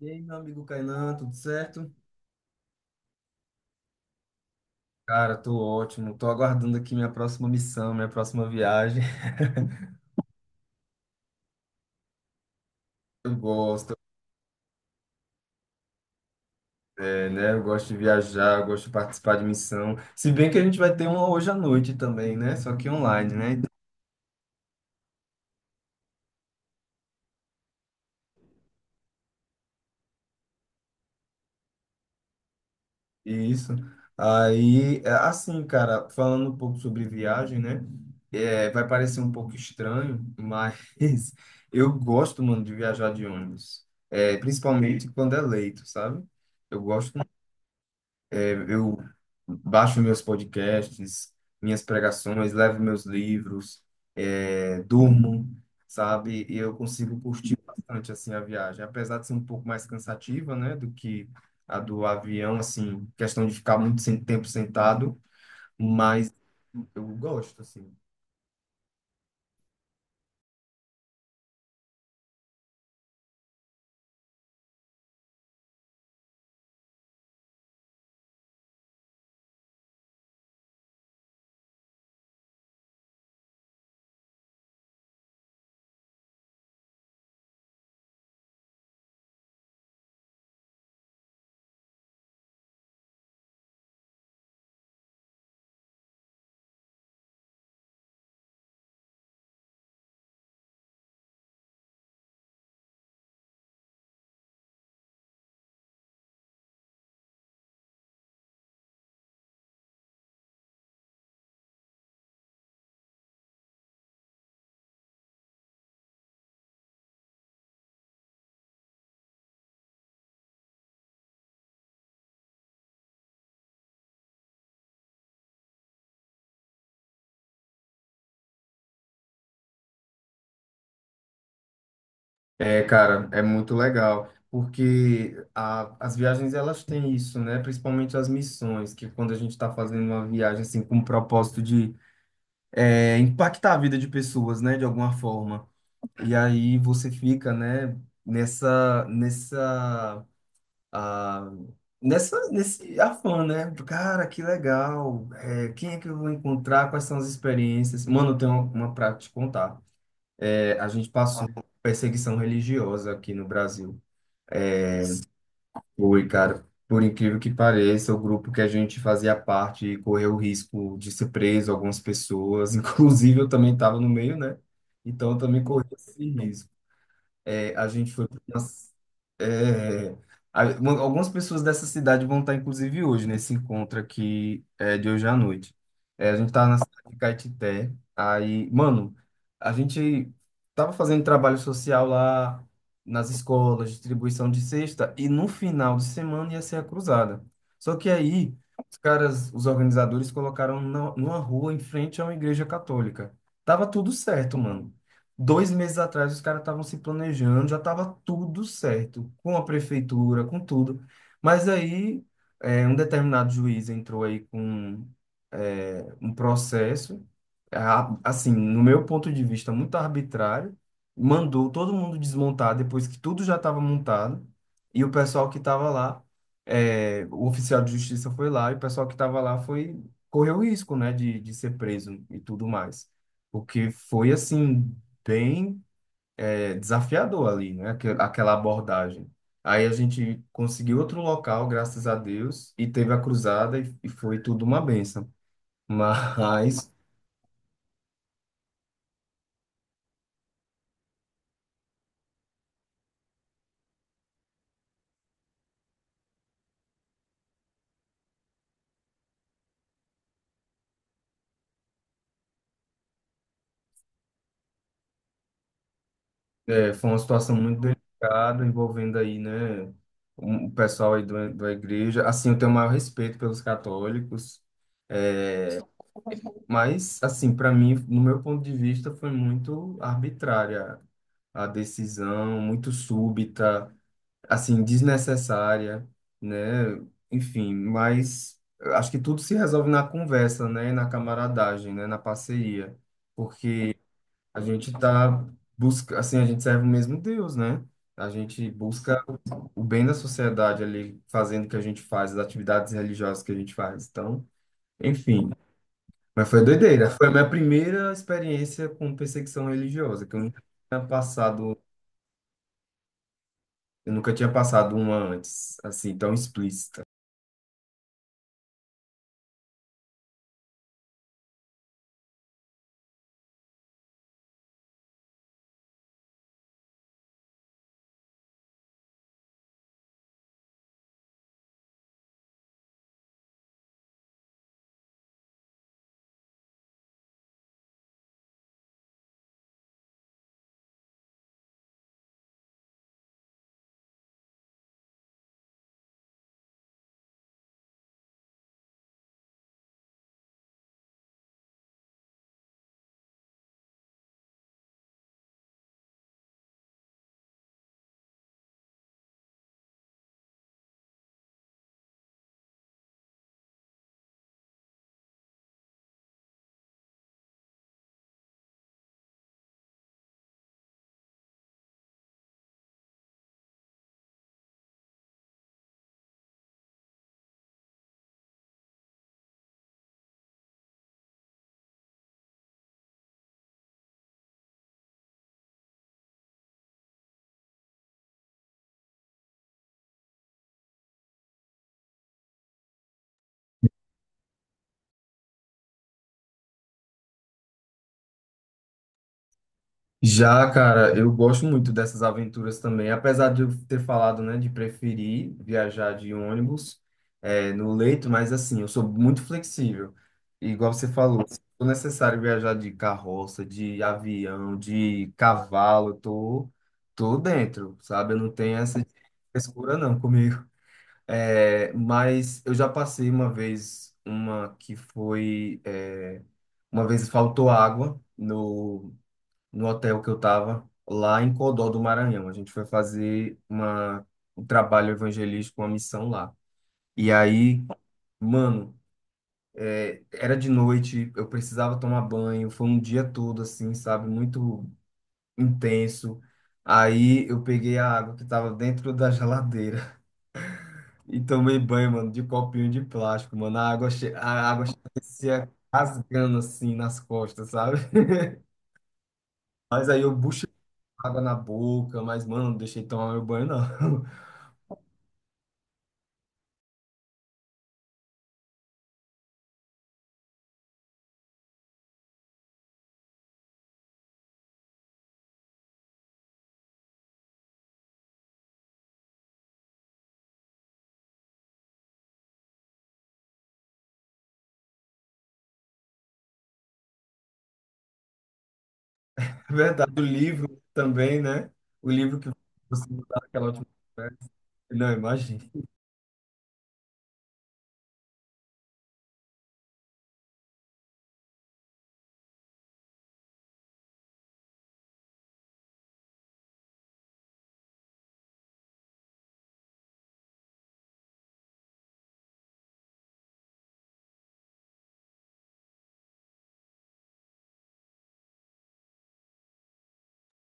E aí, meu amigo Kainan, tudo certo? Cara, tô ótimo. Tô aguardando aqui minha próxima missão, minha próxima viagem. Eu gosto, é, né? Eu gosto de viajar, eu gosto de participar de missão. Se bem que a gente vai ter uma hoje à noite também, né? Só que online, né? Isso. Aí, é, assim, cara, falando um pouco sobre viagem, né? É, vai parecer um pouco estranho, mas eu gosto, mano, de viajar de ônibus. É, principalmente quando é leito, sabe? Eu gosto. Eu baixo meus podcasts, minhas pregações, levo meus livros, durmo, sabe? E eu consigo curtir bastante assim a viagem, apesar de ser um pouco mais cansativa, né, do que a do avião, assim, questão de ficar muito sem tempo sentado, mas eu gosto assim. É, cara, é muito legal, porque as viagens elas têm isso, né? Principalmente as missões, que quando a gente está fazendo uma viagem assim com o propósito de impactar a vida de pessoas, né, de alguma forma. E aí você fica, né, nessa, nessa, ah, nesse afã, né? Cara, que legal. É, quem é que eu vou encontrar? Quais são as experiências? Mano, eu tenho uma pra te contar. É, a gente passou por perseguição religiosa aqui no Brasil. Foi, cara. Por incrível que pareça, o grupo que a gente fazia parte correu o risco de ser preso, algumas pessoas, inclusive eu também estava no meio, né? Então eu também corri esse risco. É, a gente foi pra umas- é, Algumas pessoas dessa cidade vão estar, inclusive, hoje, nesse encontro aqui é, de hoje à noite. É, a gente estava na cidade de Caetité. Aí, mano, a gente tava fazendo trabalho social lá nas escolas, distribuição de cesta, e no final de semana ia ser a cruzada. Só que aí, os caras, os organizadores colocaram na, numa rua em frente a uma igreja católica. Tava tudo certo, mano. 2 meses atrás, os caras estavam se planejando, já estava tudo certo, com a prefeitura, com tudo. Mas aí, um determinado juiz entrou aí com, um processo, assim, no meu ponto de vista, muito arbitrário, mandou todo mundo desmontar depois que tudo já estava montado, e o pessoal que estava lá, o oficial de justiça foi lá, e o pessoal que estava lá foi, correu o risco, né, de ser preso e tudo mais. Porque foi assim bem desafiador ali, né? Aquela abordagem. Aí a gente conseguiu outro local, graças a Deus, e teve a cruzada e foi tudo uma benção. Mas foi uma situação muito delicada, envolvendo aí, né, o pessoal aí do, da igreja. Assim, eu tenho o maior respeito pelos católicos, é, mas, assim, para mim, no meu ponto de vista, foi muito arbitrária a decisão, muito súbita, assim, desnecessária, né? Enfim, mas eu acho que tudo se resolve na conversa, né? Na camaradagem, né? Na parceria, porque a gente tá busca, assim, a gente serve o mesmo Deus, né? A gente busca o bem da sociedade ali, fazendo o que a gente faz, as atividades religiosas que a gente faz. Então, enfim, mas foi doideira. Foi a minha primeira experiência com perseguição religiosa, que tinha passado, eu nunca tinha passado uma antes, assim, tão explícita. Já, cara, eu gosto muito dessas aventuras também, apesar de eu ter falado, né, de preferir viajar de ônibus, no leito, mas assim, eu sou muito flexível. E igual você falou, se for necessário viajar de carroça, de avião, de cavalo, eu tô, dentro, sabe? Eu não tenho essa frescura não comigo. É, mas eu já passei uma vez, uma que foi, é, uma vez faltou água no no hotel que eu estava lá em Codó do Maranhão. A gente foi fazer um trabalho evangelístico, uma missão lá. E aí, mano, era de noite, eu precisava tomar banho, foi um dia todo assim, sabe, muito intenso. Aí eu peguei a água que tava dentro da geladeira e tomei banho, mano, de copinho de plástico, mano. A água parecia rasgando assim nas costas, sabe? Mas aí eu água na boca, mas, mano, não deixei tomar meu banho, não. É verdade, o livro também, né? O livro que você mudou aquela última conversa. Não, imagina.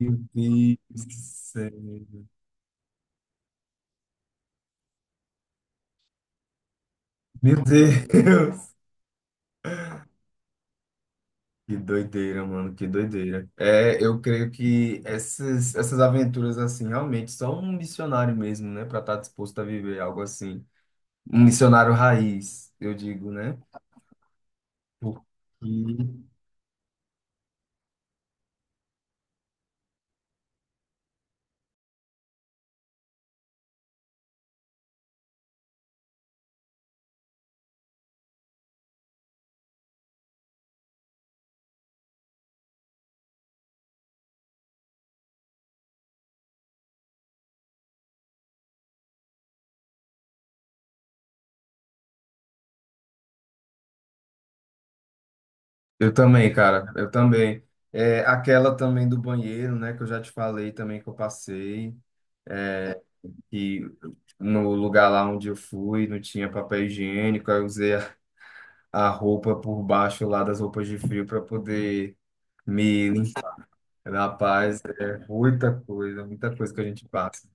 Meu Deus do céu. Meu Deus. Que doideira, mano, que doideira. É, eu creio que essas aventuras, assim, realmente só um missionário mesmo, né? Pra estar disposto a viver algo assim. Um missionário raiz, eu digo, né? Porque eu também, cara, eu também. É, aquela também do banheiro, né, que eu já te falei também que eu passei, que no lugar lá onde eu fui não tinha papel higiênico, aí eu usei a roupa por baixo lá das roupas de frio para poder me limpar. Rapaz, é muita coisa que a gente passa.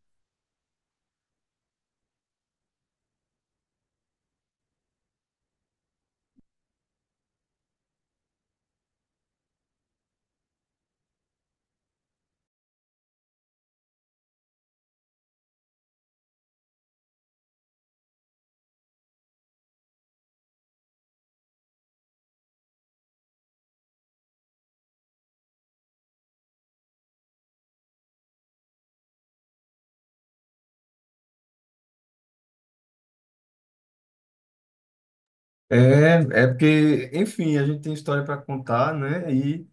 É, é, porque, enfim, a gente tem história para contar, né? E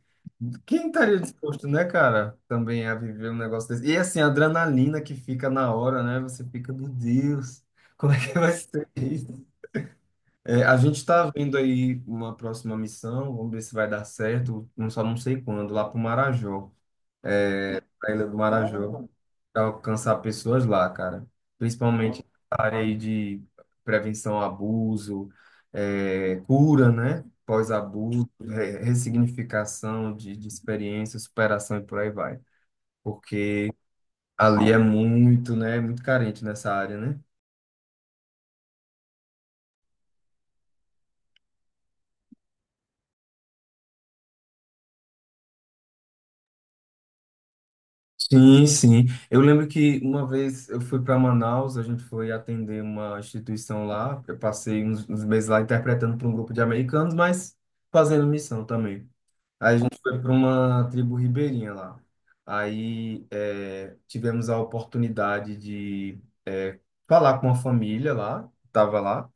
quem estaria disposto, né, cara, também a viver um negócio desse? E assim, a adrenalina que fica na hora, né? Você fica, meu Deus, como é que vai ser isso? É, a gente está vendo aí uma próxima missão, vamos ver se vai dar certo, não só não sei quando, lá para o Marajó, a Ilha do Marajó para alcançar pessoas lá, cara. Principalmente na área aí de prevenção ao abuso, cura, né? Pós-abuso, ressignificação de experiência, superação e por aí vai. Porque ali é muito, né? Muito carente nessa área, né? Sim, sim. Eu lembro que uma vez eu fui para Manaus, a gente foi atender uma instituição lá. Eu passei uns meses lá interpretando para um grupo de americanos, mas fazendo missão também. Aí a gente foi para uma tribo ribeirinha lá. Aí é, tivemos a oportunidade de falar com uma família lá, que estava lá,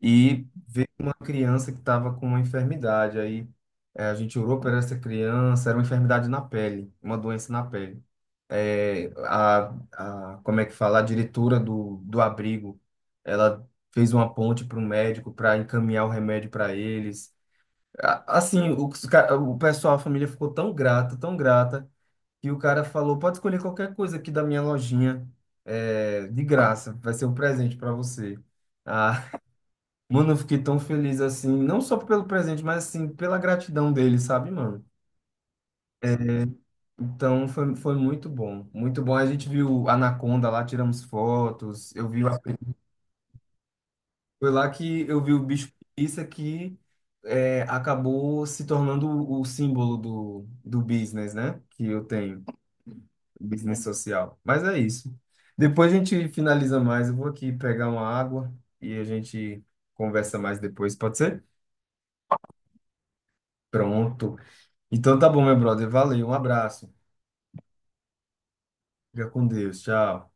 e ver uma criança que estava com uma enfermidade. Aí a gente orou para essa criança, era uma enfermidade na pele, uma doença na pele. É, como é que fala? A diretora do abrigo, ela fez uma ponte para o médico para encaminhar o remédio para eles. Assim, o pessoal, a família ficou tão grata, que o cara falou: pode escolher qualquer coisa aqui da minha lojinha, de graça, vai ser um presente para você. Ah, mano, eu fiquei tão feliz assim, não só pelo presente, mas assim, pela gratidão dele, sabe, mano? Então foi, muito bom, muito bom. A gente viu a Anaconda lá, tiramos fotos, eu vi, foi lá que eu vi o bicho preguiça que acabou se tornando o símbolo do business, né? Que eu tenho. Business social. Mas é isso. Depois a gente finaliza mais. Eu vou aqui pegar uma água e a gente conversa mais depois, pode ser? Pronto. Então tá bom, meu brother. Valeu, um abraço. Fica com Deus. Tchau.